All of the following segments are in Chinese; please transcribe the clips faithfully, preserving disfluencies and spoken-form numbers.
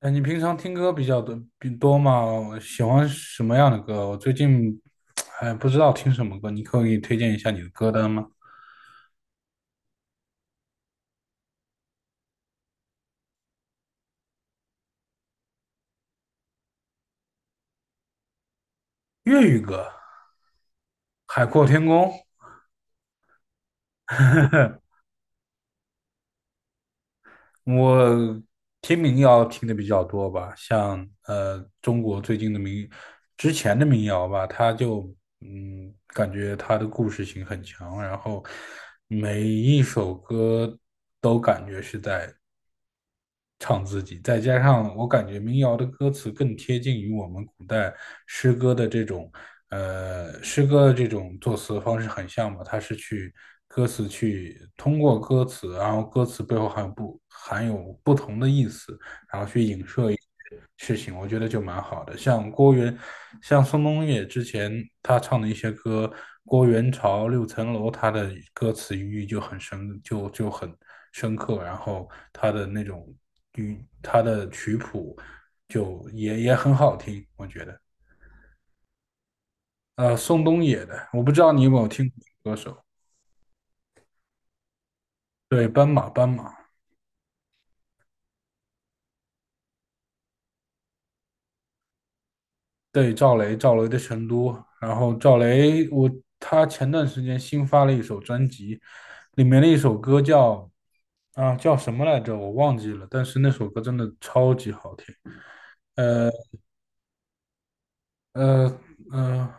哎，你平常听歌比较多比多吗？喜欢什么样的歌？我最近哎不知道听什么歌，你可以给你推荐一下你的歌单吗？粤语歌，《海阔天空》我听民谣听的比较多吧，像呃中国最近的民，之前的民谣吧，它就嗯感觉它的故事性很强，然后每一首歌都感觉是在唱自己，再加上我感觉民谣的歌词更贴近于我们古代诗歌的这种，呃，诗歌的这种作词方式很像嘛，它是去歌词去通过歌词，然后歌词背后含有不含有不同的意思，事情，我觉得就蛮好的。像郭源，像宋冬野之前他唱的一些歌，《郭源潮》《六层楼》，他的歌词寓意就很深，就就很深刻。然后他的那种语，他的曲谱就也也很好听，我觉得。呃，宋冬野的，我不知道你有没有听过歌手，对，斑马，斑马，对，赵雷，赵雷的《成都》，然后赵雷，我他前段时间新发了一首专辑，里面的一首歌叫。啊，叫什么来着？我忘记了，但是那首歌真的超级好听。呃呃呃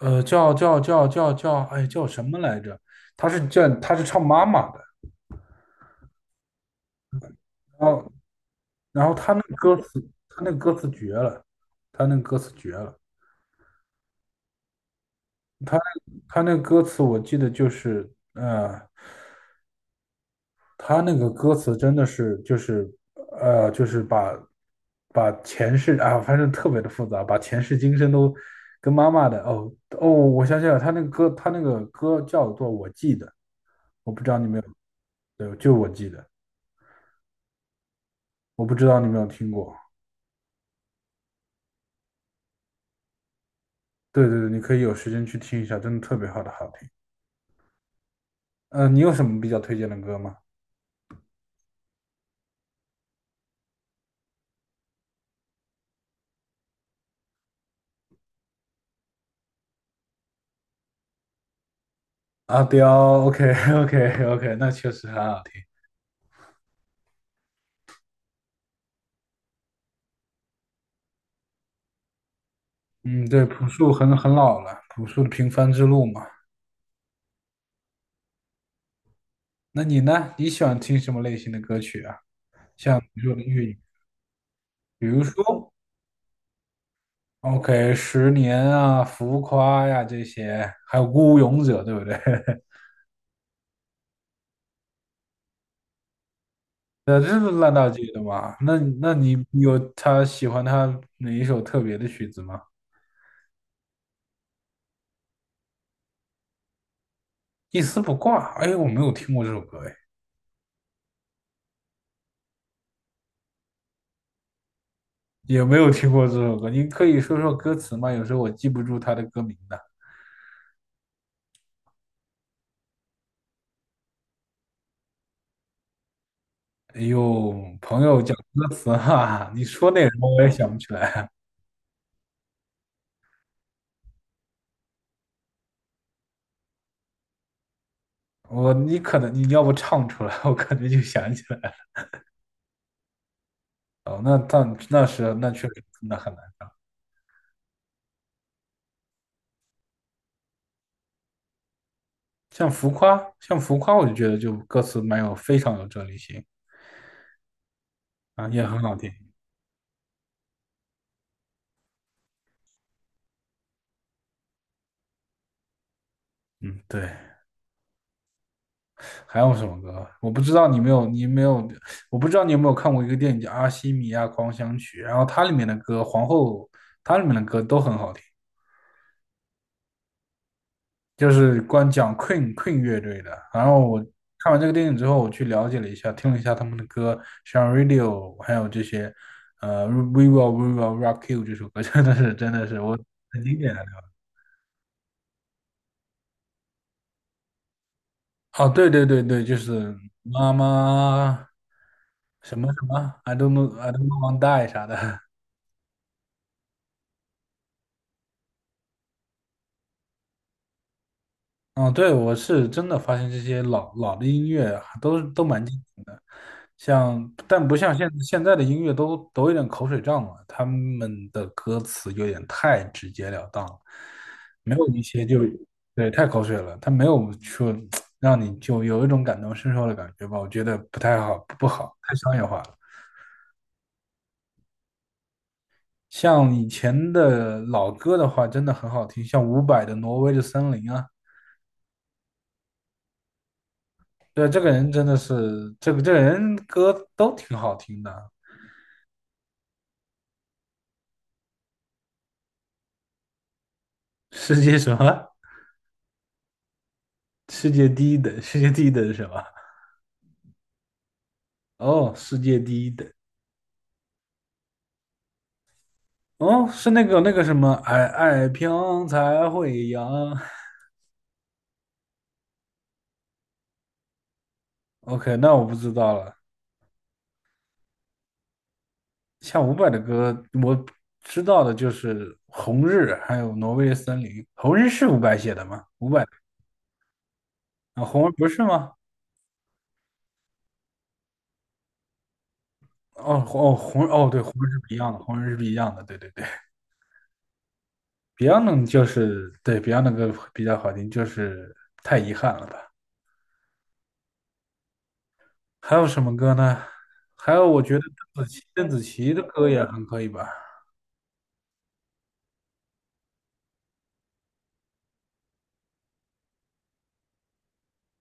呃，叫叫叫叫叫，哎，叫什么来着？他是叫他是唱妈妈的，然后然后他那个歌词，他那个歌词绝了，他那个歌词绝了，他他那个歌词我记得就是，呃。他那个歌词真的是就是呃，就是把把前世啊，反正特别的复杂，把前世今生都跟妈妈的哦哦，我想起来了，他那个歌，他那个歌叫做《我记得》，我不知道你有没有，对，就我记得，我不知道你有没有听过。对对对，你可以有时间去听一下，真的特别好的好听。嗯、你有什么比较推荐的歌吗？阿刁，OK OK OK，那确实很好听。嗯，对，朴树很很老了，朴树的《平凡之路》嘛。那你呢？你喜欢听什么类型的歌曲啊？像比如说粤语，比如说 OK，十年啊、浮夸呀、这些，还有孤勇者，对不对？呃，这是烂大街的嘛？那那你有他喜欢他哪一首特别的曲子吗？一丝不挂，哎，我没有听过这首歌，哎，也没有听过这首歌。你可以说说歌词吗？有时候我记不住他的歌名的。哎呦，朋友讲歌词哈，你说内容我也想不起来。我你可能你要不唱出来，我可能就想起来了。哦，那但那是那确实那很难。像浮夸，像浮夸，我就觉得就歌词蛮有非常有哲理性啊，也很好听。嗯，对。还有什么歌？我不知道你没有你没有，我不知道你有没有看过一个电影叫《阿西米亚狂想曲》，然后它里面的歌，皇后它里面的歌都很好听。就是光讲 Queen Queen 乐队的。然后我看完这个电影之后，我去了解了一下，听了一下他们的歌，像 Radio，还有这些，呃，We Will We Will Rock You 这首歌，真的是真的是我很经典的。哦，对对对对，就是妈妈什么什么，I don't know I don't know w a n die 啥的。嗯，对，我是真的发现这些老老的音乐还都都蛮经典的，像但不像现现在的音乐都都有点口水仗了，他们的歌词有点太直截了当了，没有一些就对太口水了，他没有说让你就有一种感同身受的感觉吧，我觉得不太好，不好，太商业化了。像以前的老歌的话，真的很好听，像伍佰的《挪威的森林》啊。对，这个人真的是，这个这个人歌都挺好听的。世界什么？世界第一等，世界第一等是什么？哦，世界第一等，哦，是那个那个什么，爱爱飘才会扬。OK，那我不知道了。像伍佰的歌，我知道的就是《红日》，还有《挪威的森林》。《红日》是伍佰写的吗？伍佰啊，《红日》不是吗？哦红哦，《红》日》哦，对，《红日》是不一样的，《红日》是不一样的，对对对。Beyond 就是对 Beyond 的歌比较好听，就是太遗憾了吧。还有什么歌呢？还有，我觉得邓紫棋邓紫棋的歌也很可以吧。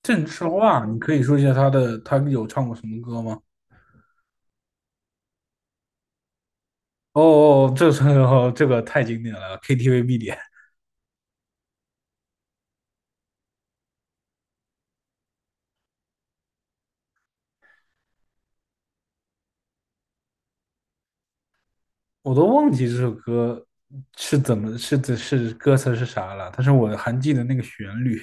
郑智化，你可以说一下她的，她有唱过什么歌吗？哦哦，这首 这个太经典了，K T V 必点，我都忘记这首歌是怎么是是是歌词是啥了，但是我还记得那个旋律。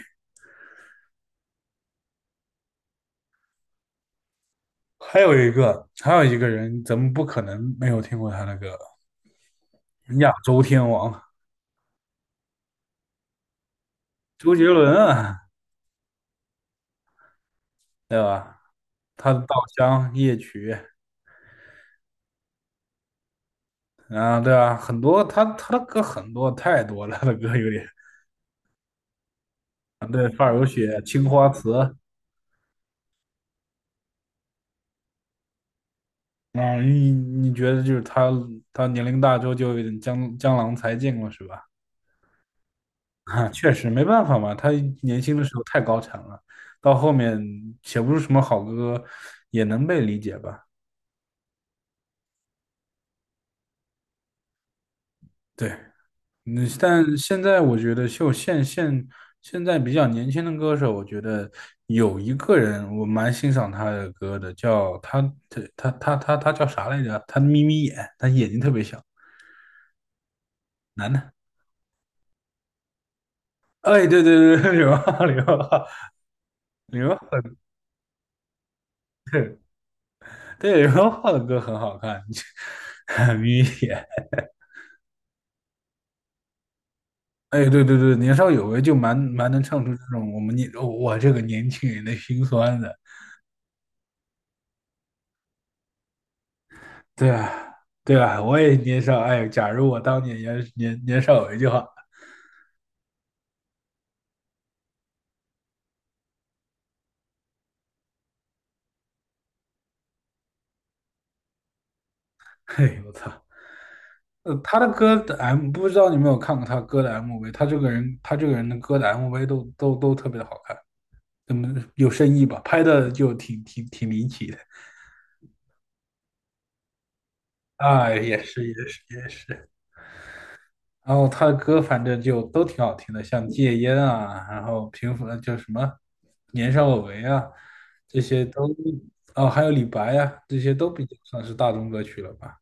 还有一个，还有一个人，咱们不可能没有听过他的歌，亚洲天王周杰伦啊。对吧？他的《稻香》《夜曲》，啊，对啊，很多他他的歌很多太多了，他的歌有点啊对，《发如雪》《青花瓷》啊，你你觉得就是他他年龄大之后就有点江江郎才尽了，是吧？啊，确实没办法嘛，他年轻的时候太高产了，到后面写不出什么好歌，也能被理解吧？对。嗯，但现在我觉得就现现现在比较年轻的歌手，我觉得有一个人我蛮欣赏他的歌的，叫他他他他他他叫啥来着？他眯眯眼，他眼睛特别小，男的。哎，对对对，对，刘浩刘浩刘浩，对对刘浩的歌很好看，眯眯眼。哎，对对对，年少有为就蛮蛮能唱出这种我们年我这个年轻人的心酸的。对啊，对啊，我也年少。哎，假如我当年年年年少有为就好。嘿，我操！呃，他的歌的 M 不知道你有没有看过他歌的 M V，他这个人他这个人的歌的 M V 都都都特别的好看，嗯，有深意吧，拍的就挺挺挺离奇的。啊，也是也是也是。然后他的歌反正就都挺好听的，像戒烟啊，然后平复就什么年少有为啊，这些都哦，还有李白啊，这些都比较算是大众歌曲了吧。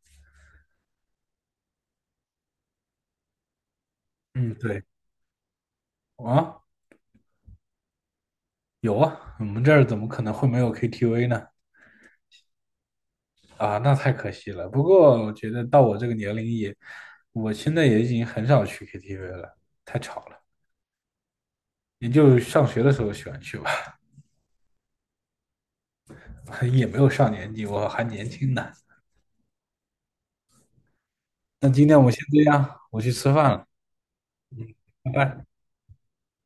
嗯，对啊，有啊，我们这儿怎么可能会没有 K T V 呢？啊，那太可惜了。不过我觉得到我这个年龄也，我现在也已经很少去 K T V 了，太吵了。也就上学的时候喜欢去吧，也没有上年纪，我还年轻呢。那今天我们先这样，我去吃饭了，拜拜。